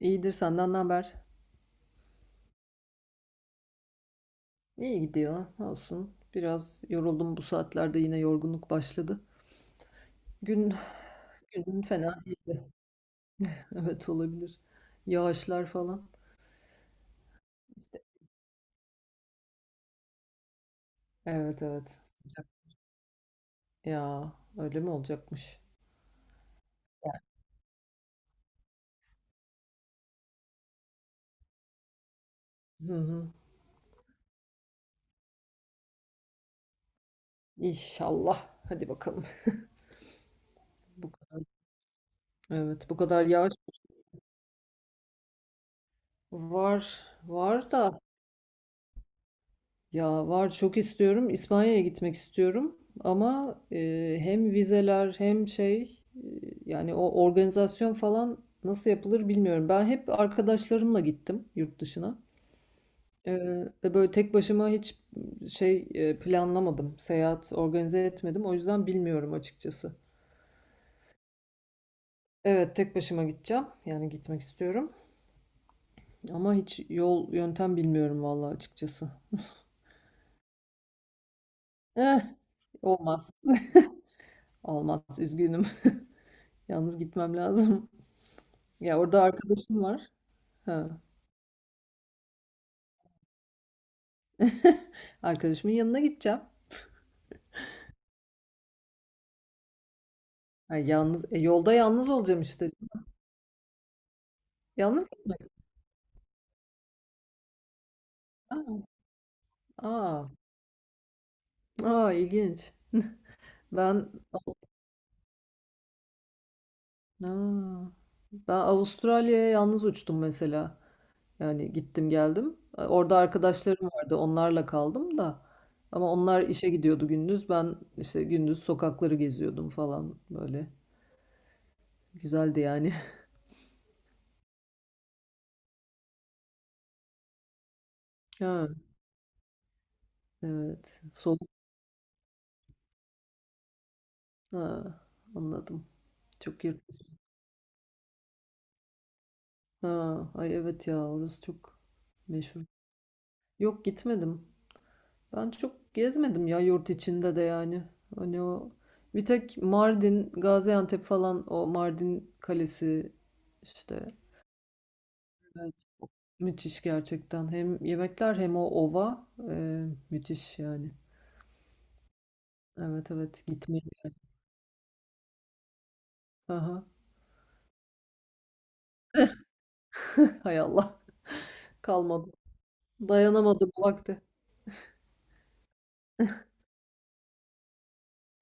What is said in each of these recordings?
İyidir senden ne haber? İyi gidiyor. Olsun. Biraz yoruldum, bu saatlerde yine yorgunluk başladı. Gün gün fena değildi. Evet olabilir. Yağışlar falan. Evet. Sıcak. Ya öyle mi olacakmış? Hı hı. İnşallah. Hadi bakalım. Bu kadar. Evet bu kadar yağış var, var da. Ya var, çok istiyorum. İspanya'ya gitmek istiyorum. Ama hem vizeler hem yani o organizasyon falan nasıl yapılır bilmiyorum. Ben hep arkadaşlarımla gittim yurt dışına. E, ve böyle tek başıma hiç planlamadım. Seyahat organize etmedim. O yüzden bilmiyorum açıkçası. Evet, tek başıma gideceğim. Yani gitmek istiyorum. Ama hiç yol yöntem bilmiyorum vallahi, açıkçası. Eh, olmaz. Olmaz, üzgünüm. Yalnız gitmem lazım. Ya orada arkadaşım var. Ha. Arkadaşımın yanına gideceğim. Ha, yalnız yolda yalnız olacağım işte. Yalnız gitmek. Aa, aa ilginç. Ben Aa, ben Avustralya'ya yalnız uçtum mesela. Yani gittim geldim. Orada arkadaşlarım vardı. Onlarla kaldım da. Ama onlar işe gidiyordu gündüz. Ben işte gündüz sokakları geziyordum falan böyle. Güzeldi yani. Ha, evet. Soğuk. Ha, anladım. Çok, ha, ay evet ya, orası çok meşhur. Yok, gitmedim. Ben çok gezmedim ya, yurt içinde de yani. Hani o bir tek Mardin, Gaziantep falan, o Mardin Kalesi işte. Evet. Müthiş gerçekten. Hem yemekler hem o ova, müthiş yani. Evet evet, gitmeyi. Aha. Hay Allah, kalmadı. Dayanamadı bu vakti.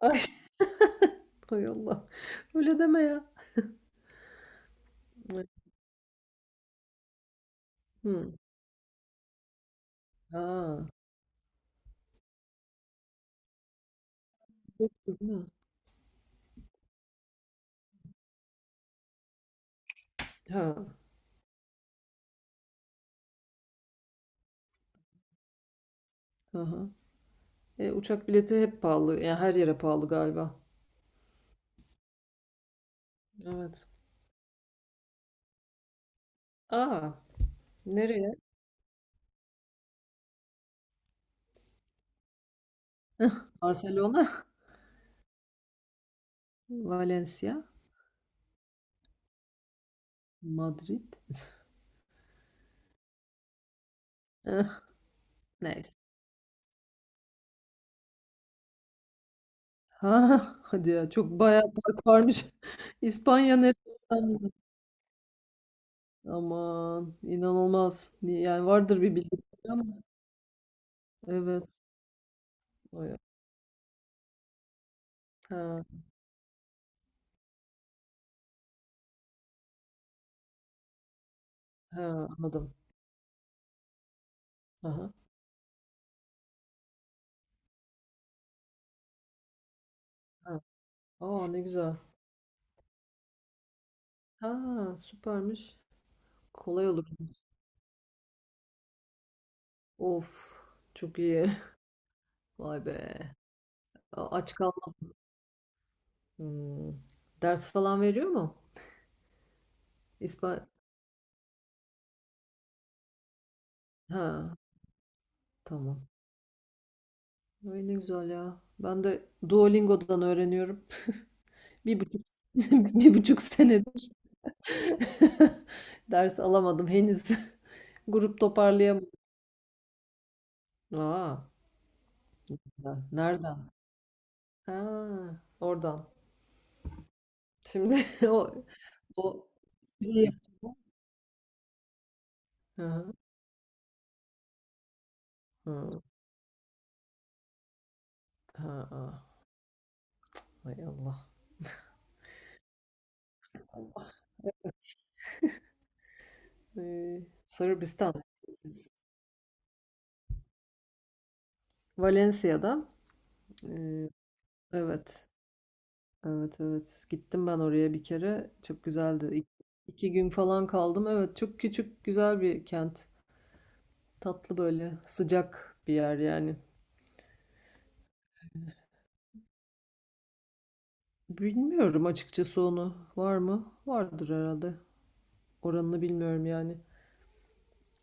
Ay, hay Allah. Öyle deme ya. Hı. Ha. Yoktu değil mi? Ha. Hı. Uçak bileti hep pahalı. Yani her yere pahalı galiba. Evet. Aa, nereye? Barcelona, Valencia, Madrid. Eh, neyse. Ha, hadi ya, çok bayağı park varmış. İspanya neresi? Aman inanılmaz. Yani vardır bir bildiğim ama. Evet. Bayağı. Ha, ha, anladım. Aha, ha. Aa, ne güzel. Ha, süpermiş. Kolay olur. Of, çok iyi. Vay be. Aç kal. Hımm. Ders falan veriyor mu? İspan Ha, tamam. Ay, ne güzel ya. Ben de Duolingo'dan öğreniyorum. bir buçuk bir buçuk senedir ders alamadım henüz. Grup toparlayamadım. A! Güzel. Nereden? Ha, oradan. Şimdi o o hı hı. Hıı. Ha, ah. Hay Allah. Eee, Sırbistan. Siz- Valencia'da, eee, evet. Evet, evet. Gittim ben oraya bir kere. Çok güzeldi. İki gün falan kaldım. Evet, çok küçük, güzel bir kent. Tatlı böyle, sıcak bir yer yani. Bilmiyorum açıkçası onu. Var mı? Vardır herhalde. Oranını bilmiyorum yani.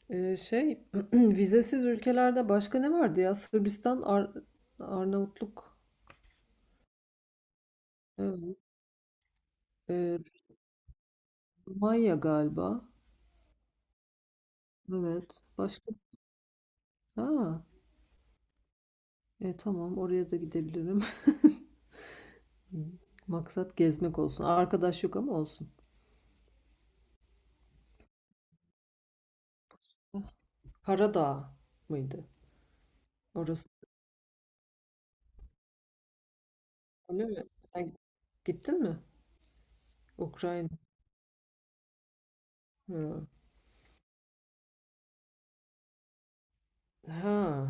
Ee, şey, vizesiz ülkelerde başka ne vardı ya? Sırbistan, Arnavutluk, evet. Ee, Romanya galiba. Evet. Başka? Ha. E, tamam, oraya da gidebilirim. Hı. Maksat gezmek olsun. Arkadaş yok ama olsun. Karadağ mıydı? Orası öyle mi? Sen gittin mi? Ukrayna. Hı. Ha.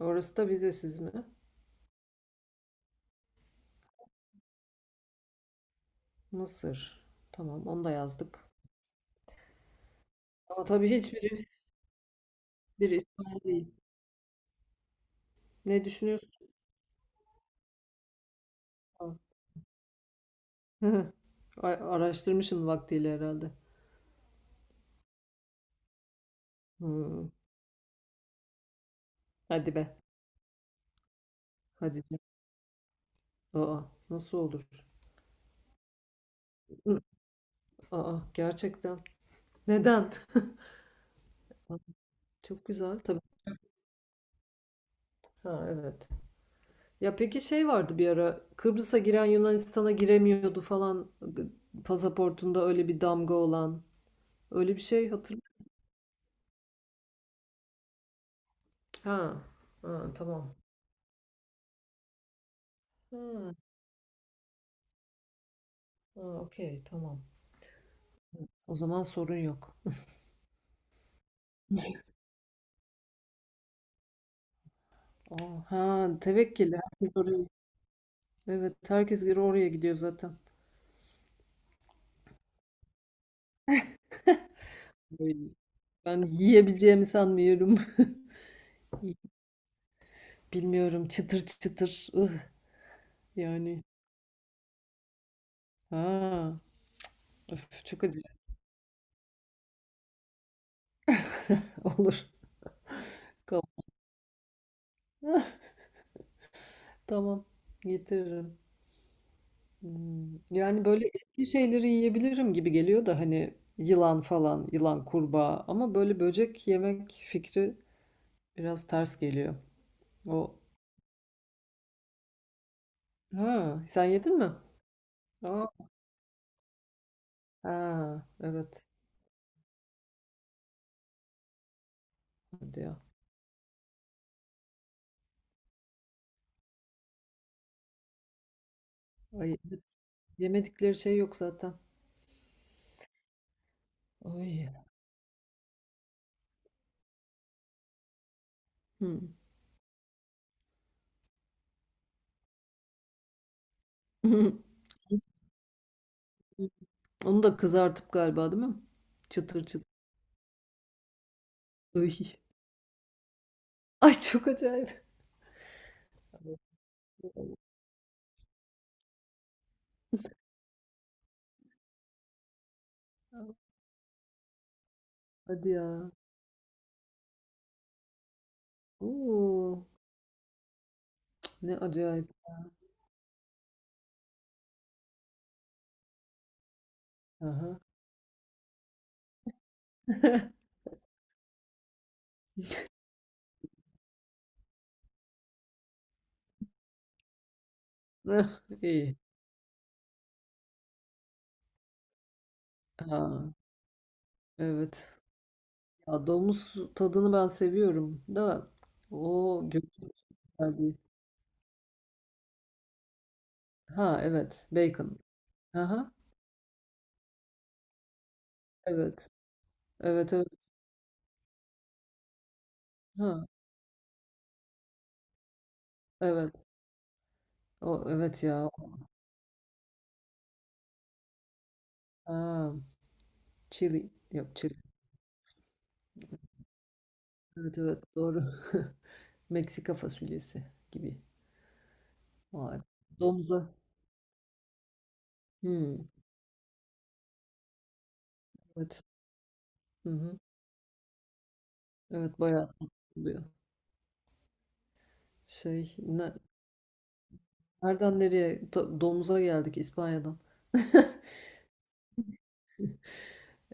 Orası da vizesiz mi? Mısır. Tamam, onu da yazdık. Ama tabii hiçbiri bir İsrail değil. Ne düşünüyorsun? Ha. Araştırmışsın vaktiyle herhalde. Hı. Hadi be. Hadi canım. Aa, nasıl olur? Hı. Aa, gerçekten. Neden? Çok güzel tabii. Ha evet. Ya peki, şey vardı bir ara, Kıbrıs'a giren Yunanistan'a giremiyordu falan, pasaportunda öyle bir damga olan. Öyle bir şey hatırlıyor. Ha, ha tamam. Ha, ha okey, tamam. O zaman sorun yok. Aa, ha tevekkili. Herkes oraya. Evet, herkes geri oraya gidiyor zaten. Ay, ben yiyebileceğimi sanmıyorum. Bilmiyorum, çıtır çıtır. Yani. Ha, öf, çok acı. Olur. Tamam. Tamam. Getiririm. Hmm, yani böyle etli şeyleri yiyebilirim gibi geliyor da, hani yılan falan, yılan, kurbağa, ama böyle böcek yemek fikri biraz ters geliyor. O, ha sen yedin mi? Aa, ha, evet diyor. Ay, evet. Yemedikleri şey yok zaten. Ay. Hmm. Onu da kızartıp galiba değil mi? Çıtır çıtır. Ay, ay çok acayip. Hadi ya. Oo, ne acayip. Aha. İyi. Ha, evet. Ya domuz tadını ben seviyorum da, o götür güzel değil. Ha evet. Bacon. Aha. Evet. Evet. Ha evet. O evet ya. Ha, chili. Yok, chili. Evet, doğru. Meksika fasulyesi gibi. Vay. Domuza. Hmm, evet. Hı hı. Evet, bayağı tatlı oluyor. Şey ne, nereden nereye, domuza geldik İspanya'dan.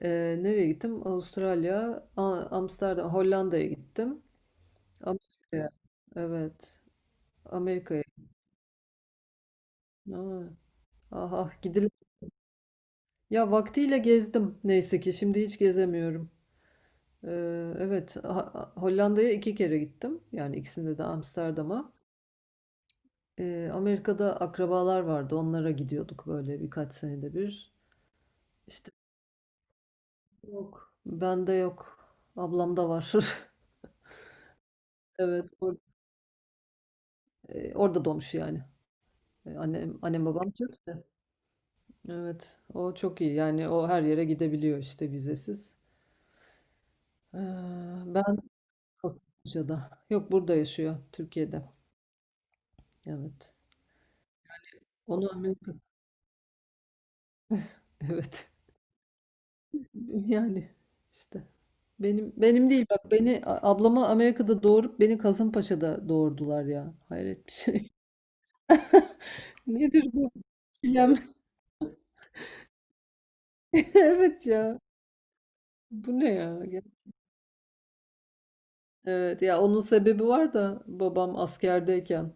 Nereye gittim? Avustralya, Amsterdam, Hollanda'ya gittim. Amerika'ya. Evet. Amerika'ya. Aa, ah ah, gidilir. Ya vaktiyle gezdim neyse ki. Şimdi hiç gezemiyorum. Evet. Hollanda'ya iki kere gittim. Yani ikisinde de Amsterdam'a. Amerika'da akrabalar vardı. Onlara gidiyorduk böyle birkaç senede bir. İşte yok. Bende yok. Ablamda var. Evet. Orada doğmuş yani. Annem babam Türk de. Evet, o çok iyi. Yani o her yere gidebiliyor işte vizesiz. Ee, ben Kasımpaşa'da. Yok, burada yaşıyor, Türkiye'de. Evet. Onu Amerika. Evet. Yani işte benim değil, bak, ablama Amerika'da doğurup beni Kasımpaşa'da doğurdular ya. Hayret bir şey. Nedir bu çilem? Evet ya. Bu ne ya? Evet ya, onun sebebi var da, babam askerdeyken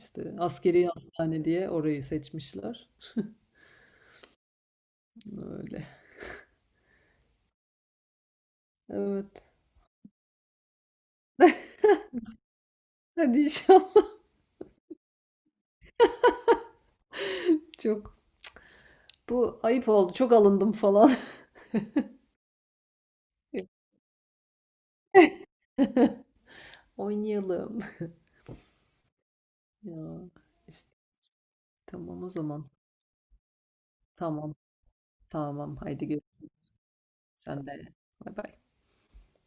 işte askeri hastane diye orayı seçmişler. Öyle. Evet. Hadi inşallah. Çok, bu ayıp oldu. Çok alındım falan. Oynayalım. Ya işte tamam o zaman. Tamam. Tamam. Haydi görüşürüz. Sen de. Bay bay.